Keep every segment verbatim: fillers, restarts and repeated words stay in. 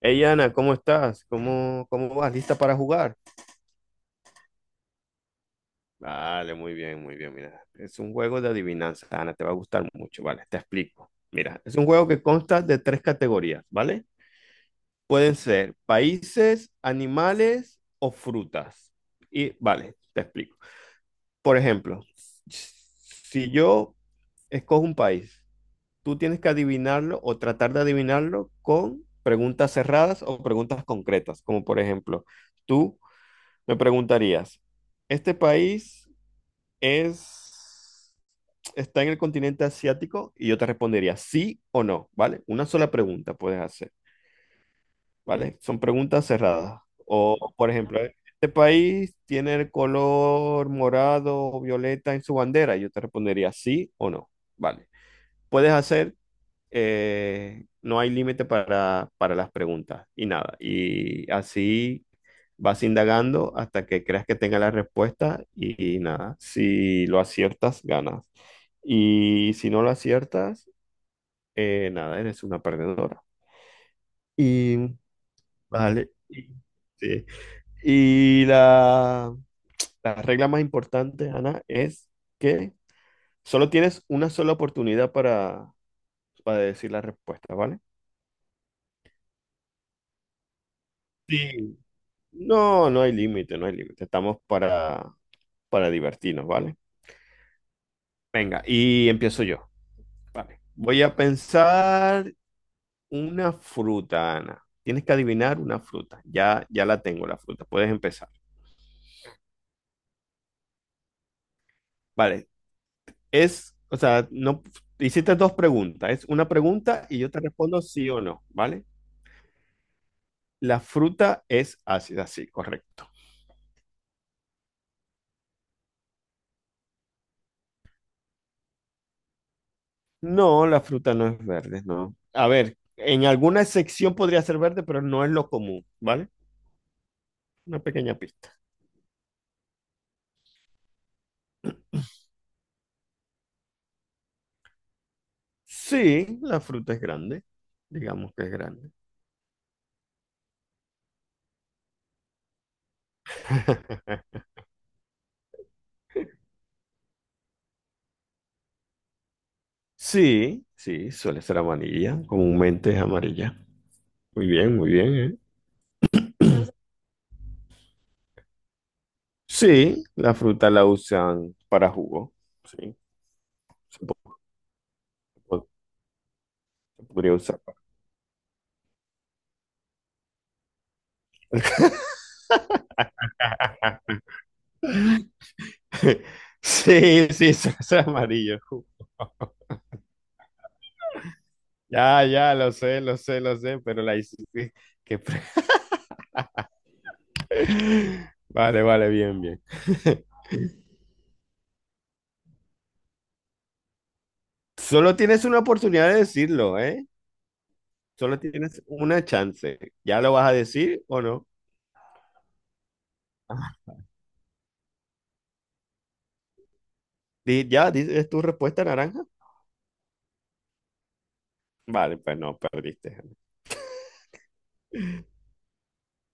Hey Ana, ¿cómo estás? ¿Cómo, cómo vas? ¿Lista para jugar? Vale, muy bien, muy bien. Mira, es un juego de adivinanza, Ana, te va a gustar mucho. Vale, te explico. Mira, es un juego que consta de tres categorías, ¿vale? Pueden ser países, animales o frutas. Y vale, te explico. Por ejemplo, si yo escojo un país, tú tienes que adivinarlo o tratar de adivinarlo con preguntas cerradas o preguntas concretas, como por ejemplo, tú. Me preguntarías, ¿este país es, está en el continente asiático? Y yo te respondería sí o no, ¿vale? Una sola pregunta puedes hacer, ¿vale? Son preguntas cerradas. O, por ejemplo, ¿este país tiene el color morado o violeta en su bandera? Yo te respondería sí o no, ¿vale? Puedes hacer eh, no hay límite para, para las preguntas y nada. Y así vas indagando hasta que creas que tenga la respuesta y, nada. Si lo aciertas, ganas. Y si no lo aciertas, eh, nada, eres una perdedora. Y vale. Y, sí. Y la, la regla más importante, Ana, es que solo tienes una sola oportunidad para, para decir la respuesta, ¿vale? Sí. No, no hay límite, no hay límite. Estamos para, para divertirnos, ¿vale? Venga, y empiezo yo. Vale. Voy a pensar una fruta, Ana. Tienes que adivinar una fruta. Ya, ya la tengo, la fruta. Puedes empezar. Vale. Es, o sea, no hiciste dos preguntas. Es una pregunta y yo te respondo sí o no, ¿vale? La fruta es ácida, sí, correcto. No, la fruta no es verde, no. A ver, en alguna sección podría ser verde, pero no es lo común, ¿vale? Una pequeña pista. Sí, la fruta es grande, digamos que es grande. Sí, sí, suele ser amarilla, comúnmente es amarilla. Muy bien, muy bien, ¿eh? Sí, la fruta la usan para jugo, sí, se po- po- se podría usar para... Sí, sí, suele ser amarillo. Ju- Ya, ya, lo sé, lo sé, lo sé, pero la hice... que pre- Vale, vale, bien, bien. Solo tienes una oportunidad de decirlo, ¿eh? Solo tienes una chance. ¿Ya lo vas a decir o no? Di- ya, di- ¿es tu respuesta naranja? Vale, pues no, perdiste.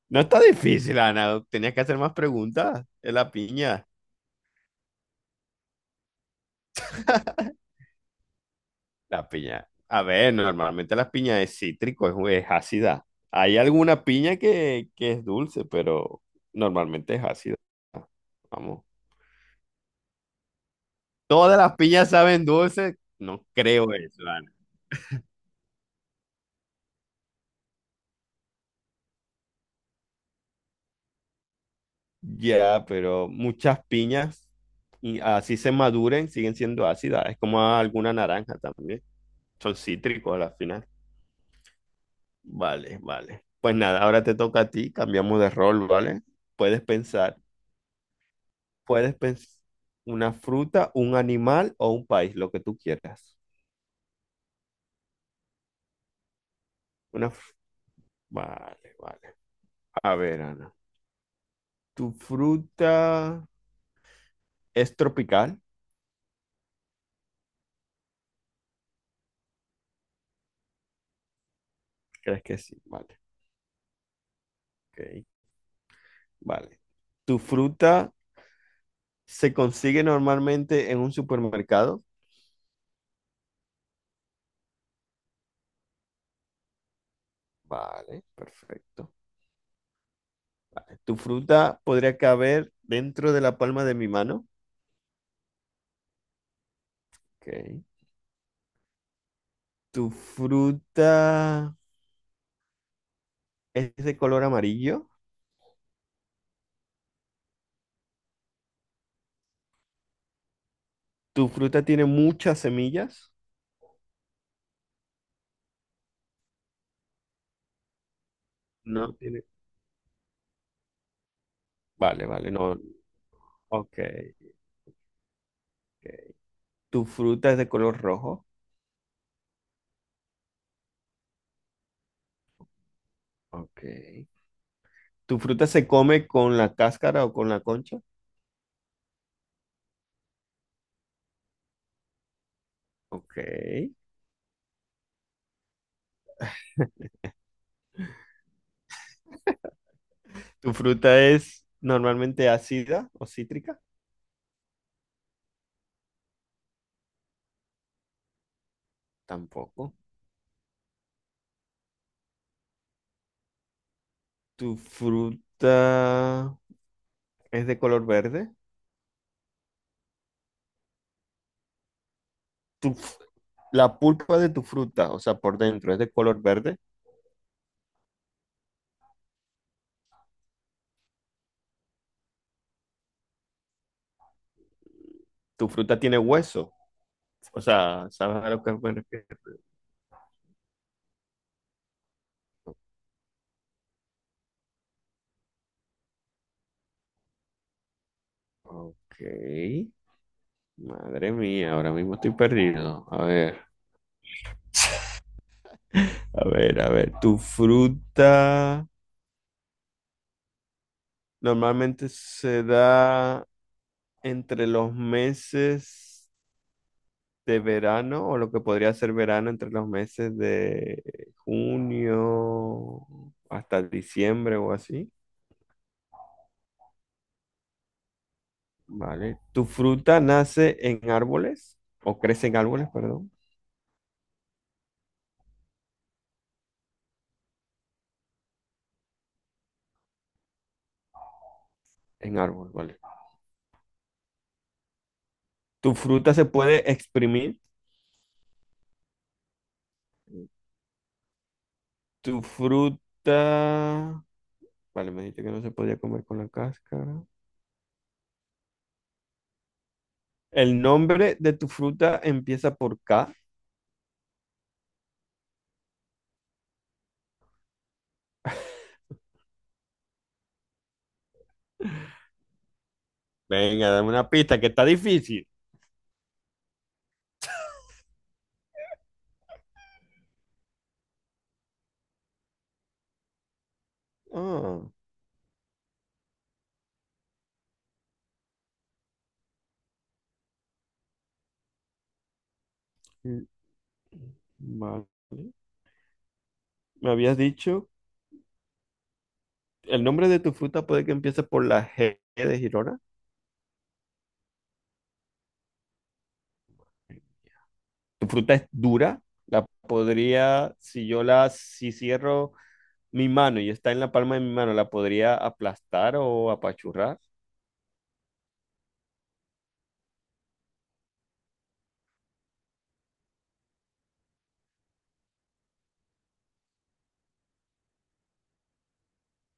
No está difícil, Ana. Tenías que hacer más preguntas. Es la piña. La piña. A ver, normalmente la piña es cítrico, es, es ácida. Hay alguna piña que, que es dulce, pero normalmente es ácida. Vamos. ¿Todas las piñas saben dulce? No creo eso, Ana. Ya, pero muchas piñas, y así se maduren, siguen siendo ácidas. Es como alguna naranja también. Son cítricos a la final. Vale, vale. Pues nada, ahora te toca a ti, cambiamos de rol, ¿vale? Puedes pensar, puedes pensar una fruta, un animal o un país, lo que tú quieras. Una fr- Vale, vale. A ver, Ana, ¿tu fruta es tropical? ¿Crees que sí? Vale, ok. Vale. ¿Tu fruta se consigue normalmente en un supermercado? Vale, perfecto. ¿Tu fruta podría caber dentro de la palma de mi mano? Ok. ¿Tu fruta es de color amarillo? ¿Tu fruta tiene muchas semillas? No tiene. Vale, vale, no. Ok. Ok. ¿Tu fruta es de color rojo? Ok. ¿Tu fruta se come con la cáscara o con la concha? Ok. ¿Tu fruta es normalmente ácida o cítrica? Tampoco. ¿Tu fruta es de color verde? ¿Tu f- la pulpa de tu fruta, o sea, por dentro, es de color verde? ¿Tu fruta tiene hueso? O sea, ¿sabes a lo que me refiero? Ok. Madre mía, ahora mismo estoy perdido. A ver, A ver, a ver, tu fruta normalmente se da entre los meses de verano o lo que podría ser verano entre los meses de junio hasta diciembre o así. Vale. ¿Tu fruta nace en árboles o crece en árboles, perdón? En árboles, ¿vale? Tu fruta se puede exprimir. Tu fruta... Vale, me dijiste que no se podía comer con la cáscara. El nombre de tu fruta empieza por K. Venga, dame una pista que está difícil. Ah, mm, vale. Me habías dicho, el nombre de tu fruta puede que empiece por la G de Girona. Tu fruta es dura. La podría, si yo la, si cierro mi mano y está en la palma de mi mano, la podría aplastar o apachurrar.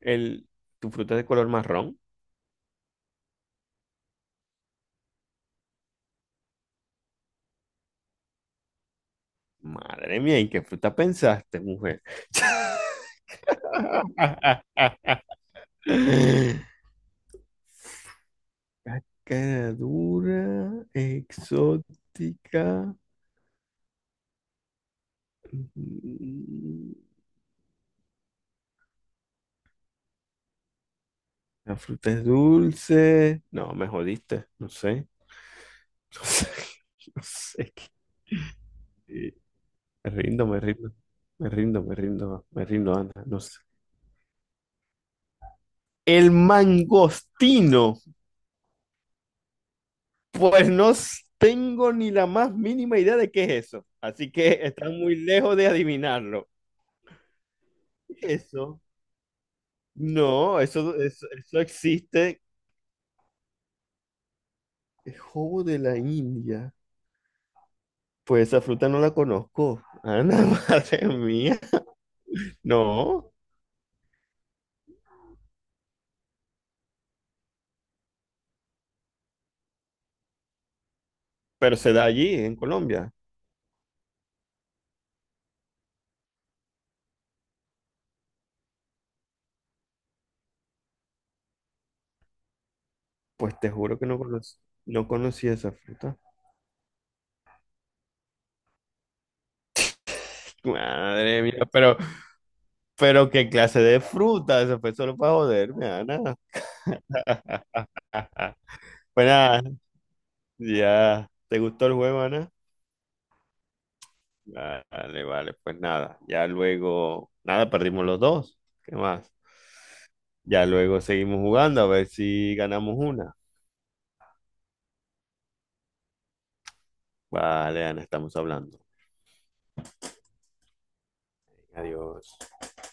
El, tu fruta es de color marrón. Madre mía, ¿y qué fruta pensaste, mujer? Cara dura, exótica. Mm, la fruta es dulce. No, me jodiste. No sé. No sé. No sé qué- Me rindo, me rindo. Me rindo, me rindo. Me rindo, Ana. No sé. El mangostino. Pues no s- tengo ni la más mínima idea de qué es eso, así que están muy lejos de adivinarlo. Eso. No, eso, eso, eso existe. El jobo de la India. Pues esa fruta no la conozco. Ana, madre mía. No, pero se da allí, en Colombia. Pues te juro que no conocí, no conocí esa fruta. Madre mía, pero, pero qué clase de fruta. Eso fue solo para joderme, Ana. Pues nada, ya. ¿Te gustó el juego, Ana? Vale, vale, pues nada, ya luego, nada, perdimos los dos, ¿qué más? Ya luego seguimos jugando a ver si ganamos una. Vale, Ana, estamos hablando. Adiós.